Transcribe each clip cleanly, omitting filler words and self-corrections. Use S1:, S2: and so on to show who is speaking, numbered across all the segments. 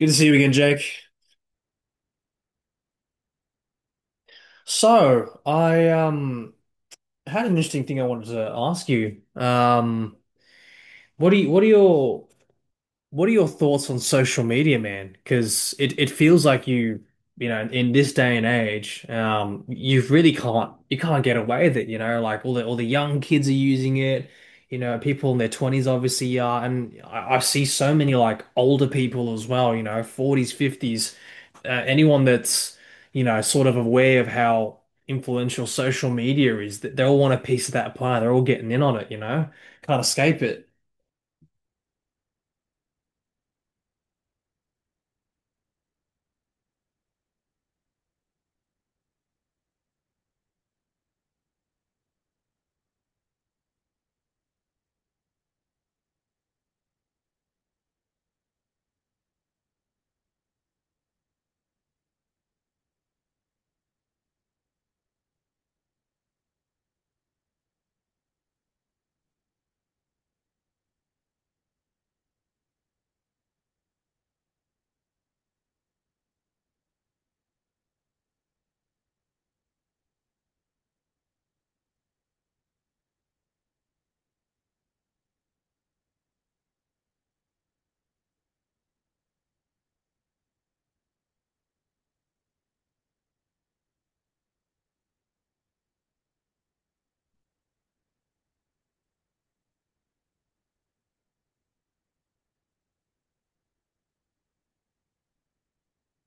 S1: Good to see you again, Jake. So I had an interesting thing I wanted to ask you. What do you, what are your What are your thoughts on social media, man? Because it feels like in this day and age, you really can't get away with it, you know, like all the young kids are using it, you know, people in their 20s obviously are, and I see so many like older people as well, you know, 40s, 50s, anyone that's, you know, sort of aware of how influential social media is, that they all want a piece of that pie, they're all getting in on it, you know, can't escape it.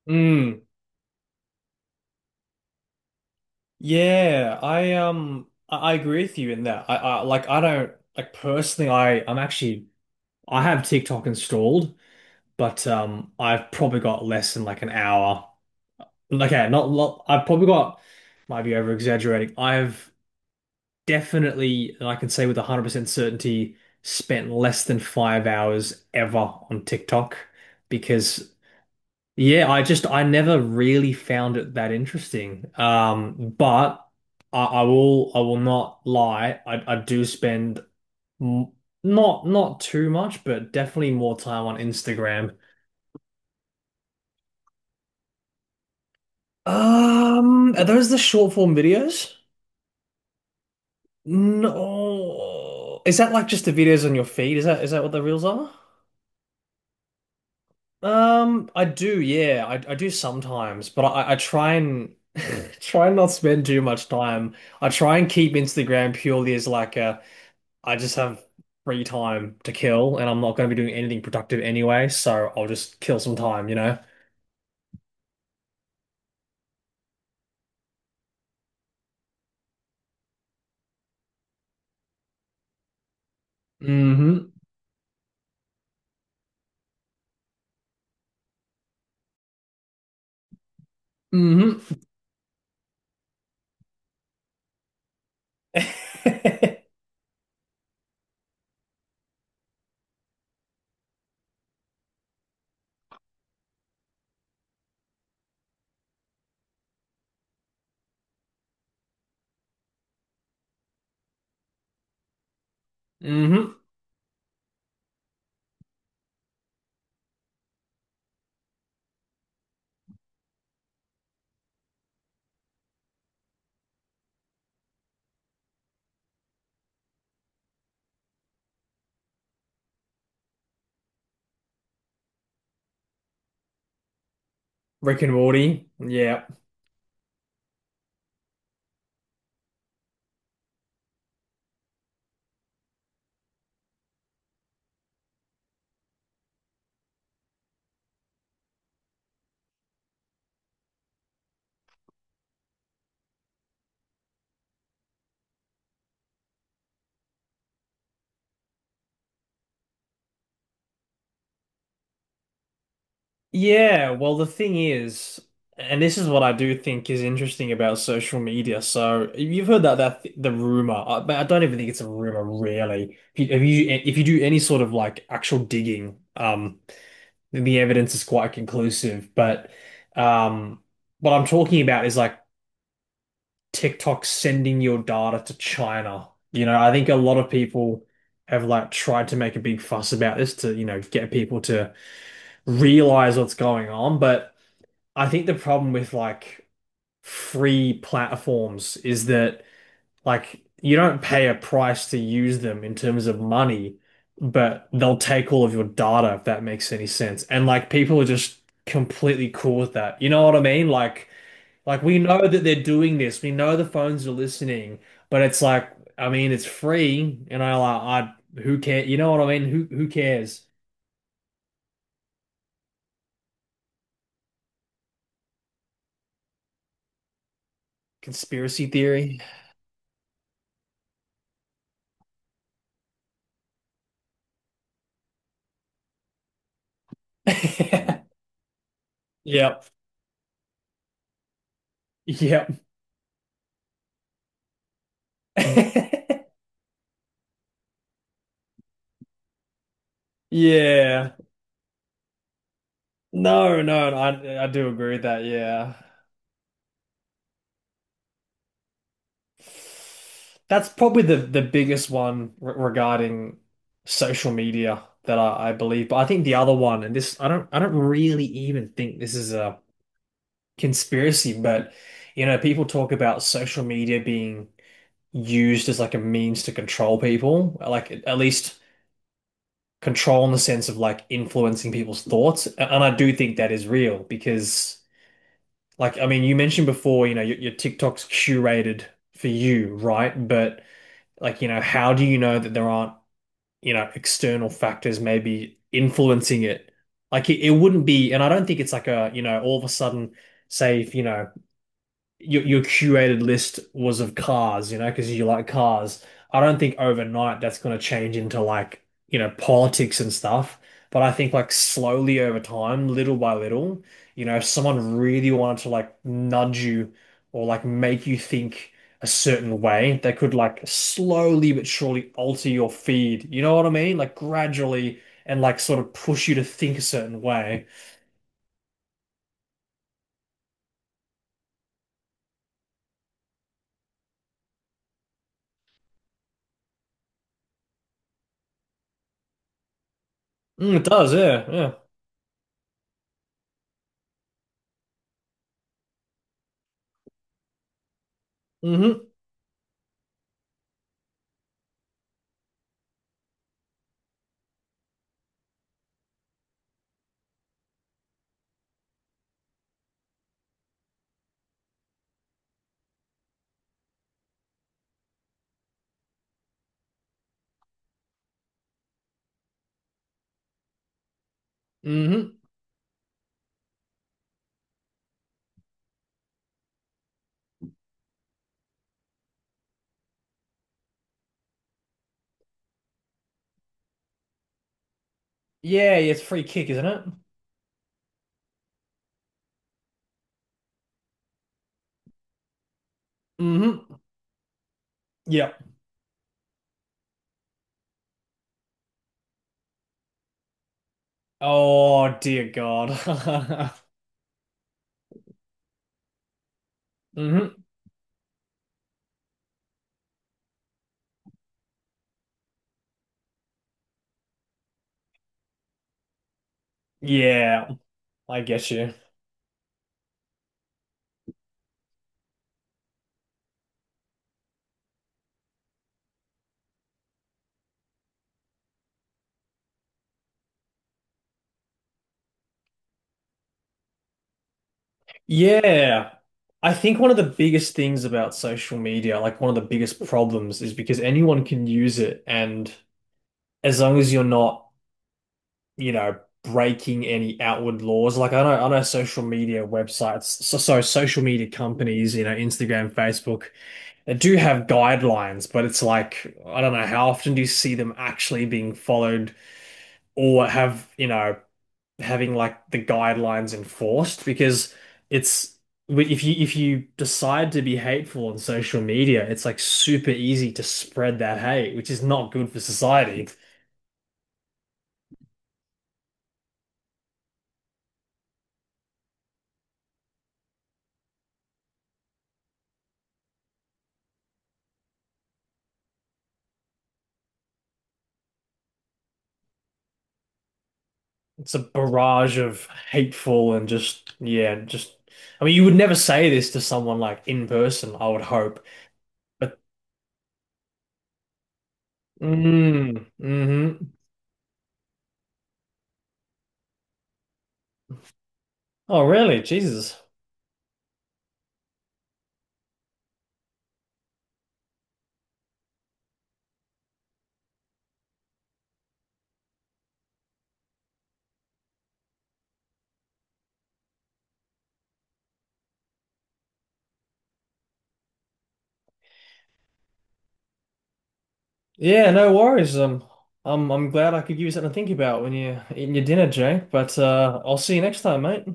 S1: Mm, yeah, I agree with you in that. I like I don't like personally I I'm actually I have TikTok installed, but I've probably got less than like an hour. Okay, not lot I've probably got might be over exaggerating. I've definitely, and I can say with 100% certainty, spent less than 5 hours ever on TikTok because, yeah, I never really found it that interesting. But I will not lie. I do spend m not too much, but definitely more time on Instagram. Are those the short form videos? No. Is that like just the videos on your feed? Is that what the reels are? I do, yeah, I do sometimes, but I try and try and not spend too much time. I try and keep Instagram purely as like a I just have free time to kill, and I'm not going to be doing anything productive anyway, so I'll just kill some time, you know. Mm-hmm. Mm-hmm. Mm-hmm. Rick and Morty. Yeah. Yeah, well, the thing is, and this is what I do think is interesting about social media. So you've heard that that th the rumor, but I don't even think it's a rumor, really. If you do any sort of like actual digging, then the evidence is quite conclusive. But um, what I'm talking about is like TikTok sending your data to China. You know, I think a lot of people have like tried to make a big fuss about this to, you know, get people to realize what's going on, but. I think the problem with like free platforms is that like you don't pay a price to use them in terms of money, but they'll take all of your data if that makes any sense. And like people are just completely cool with that. You know what I mean? Like we know that they're doing this. We know the phones are listening, but it's like I mean it's free and I who care? You know what I mean? Who cares? Conspiracy theory. Yep. Yep. Yeah. No, no, no, I do agree with that. Yeah. That's probably the biggest one re regarding social media that I believe. But I think the other one, and this I don't really even think this is a conspiracy, but you know, people talk about social media being used as like a means to control people, like at least control in the sense of like influencing people's thoughts. And I do think that is real because like, I mean, you mentioned before, you know, your TikTok's curated for you, right? But like, you know, how do you know that there aren't, you know, external factors maybe influencing it? Like, it wouldn't be, and I don't think it's like a, you know, all of a sudden, say if, you know, your curated list was of cars, you know, because you like cars. I don't think overnight that's going to change into like, you know, politics and stuff. But I think like slowly over time, little by little, you know, if someone really wanted to like nudge you or like make you think a certain way, they could like slowly but surely alter your feed. You know what I mean? Like gradually and like sort of push you to think a certain way. Mm, it does, yeah, yeah. Mm-hmm. Mm-hmm. Yeah, yeah, it's a free kick, isn't it? Mm-hmm. Yep. Oh dear God. Hmm. Yeah, I get you. Yeah. I think one of the biggest things about social media, like one of the biggest problems, is because anyone can use it, and as long as you're not, you know, breaking any outward laws, like I know social media websites, so social media companies, you know, Instagram, Facebook. They do have guidelines, but it's like, I don't know, how often do you see them actually being followed or have, you know, having like the guidelines enforced? Because it's if you decide to be hateful on social media, it's like super easy to spread that hate, which is not good for society. It's a barrage of hateful and just, yeah, just, I mean, you would never say this to someone like in person, I would hope. But, mm, mm-hmm. Oh, really? Jesus. Yeah, no worries. I'm glad I could use something to think about when you're eating your dinner, Jake. But I'll see you next time, mate.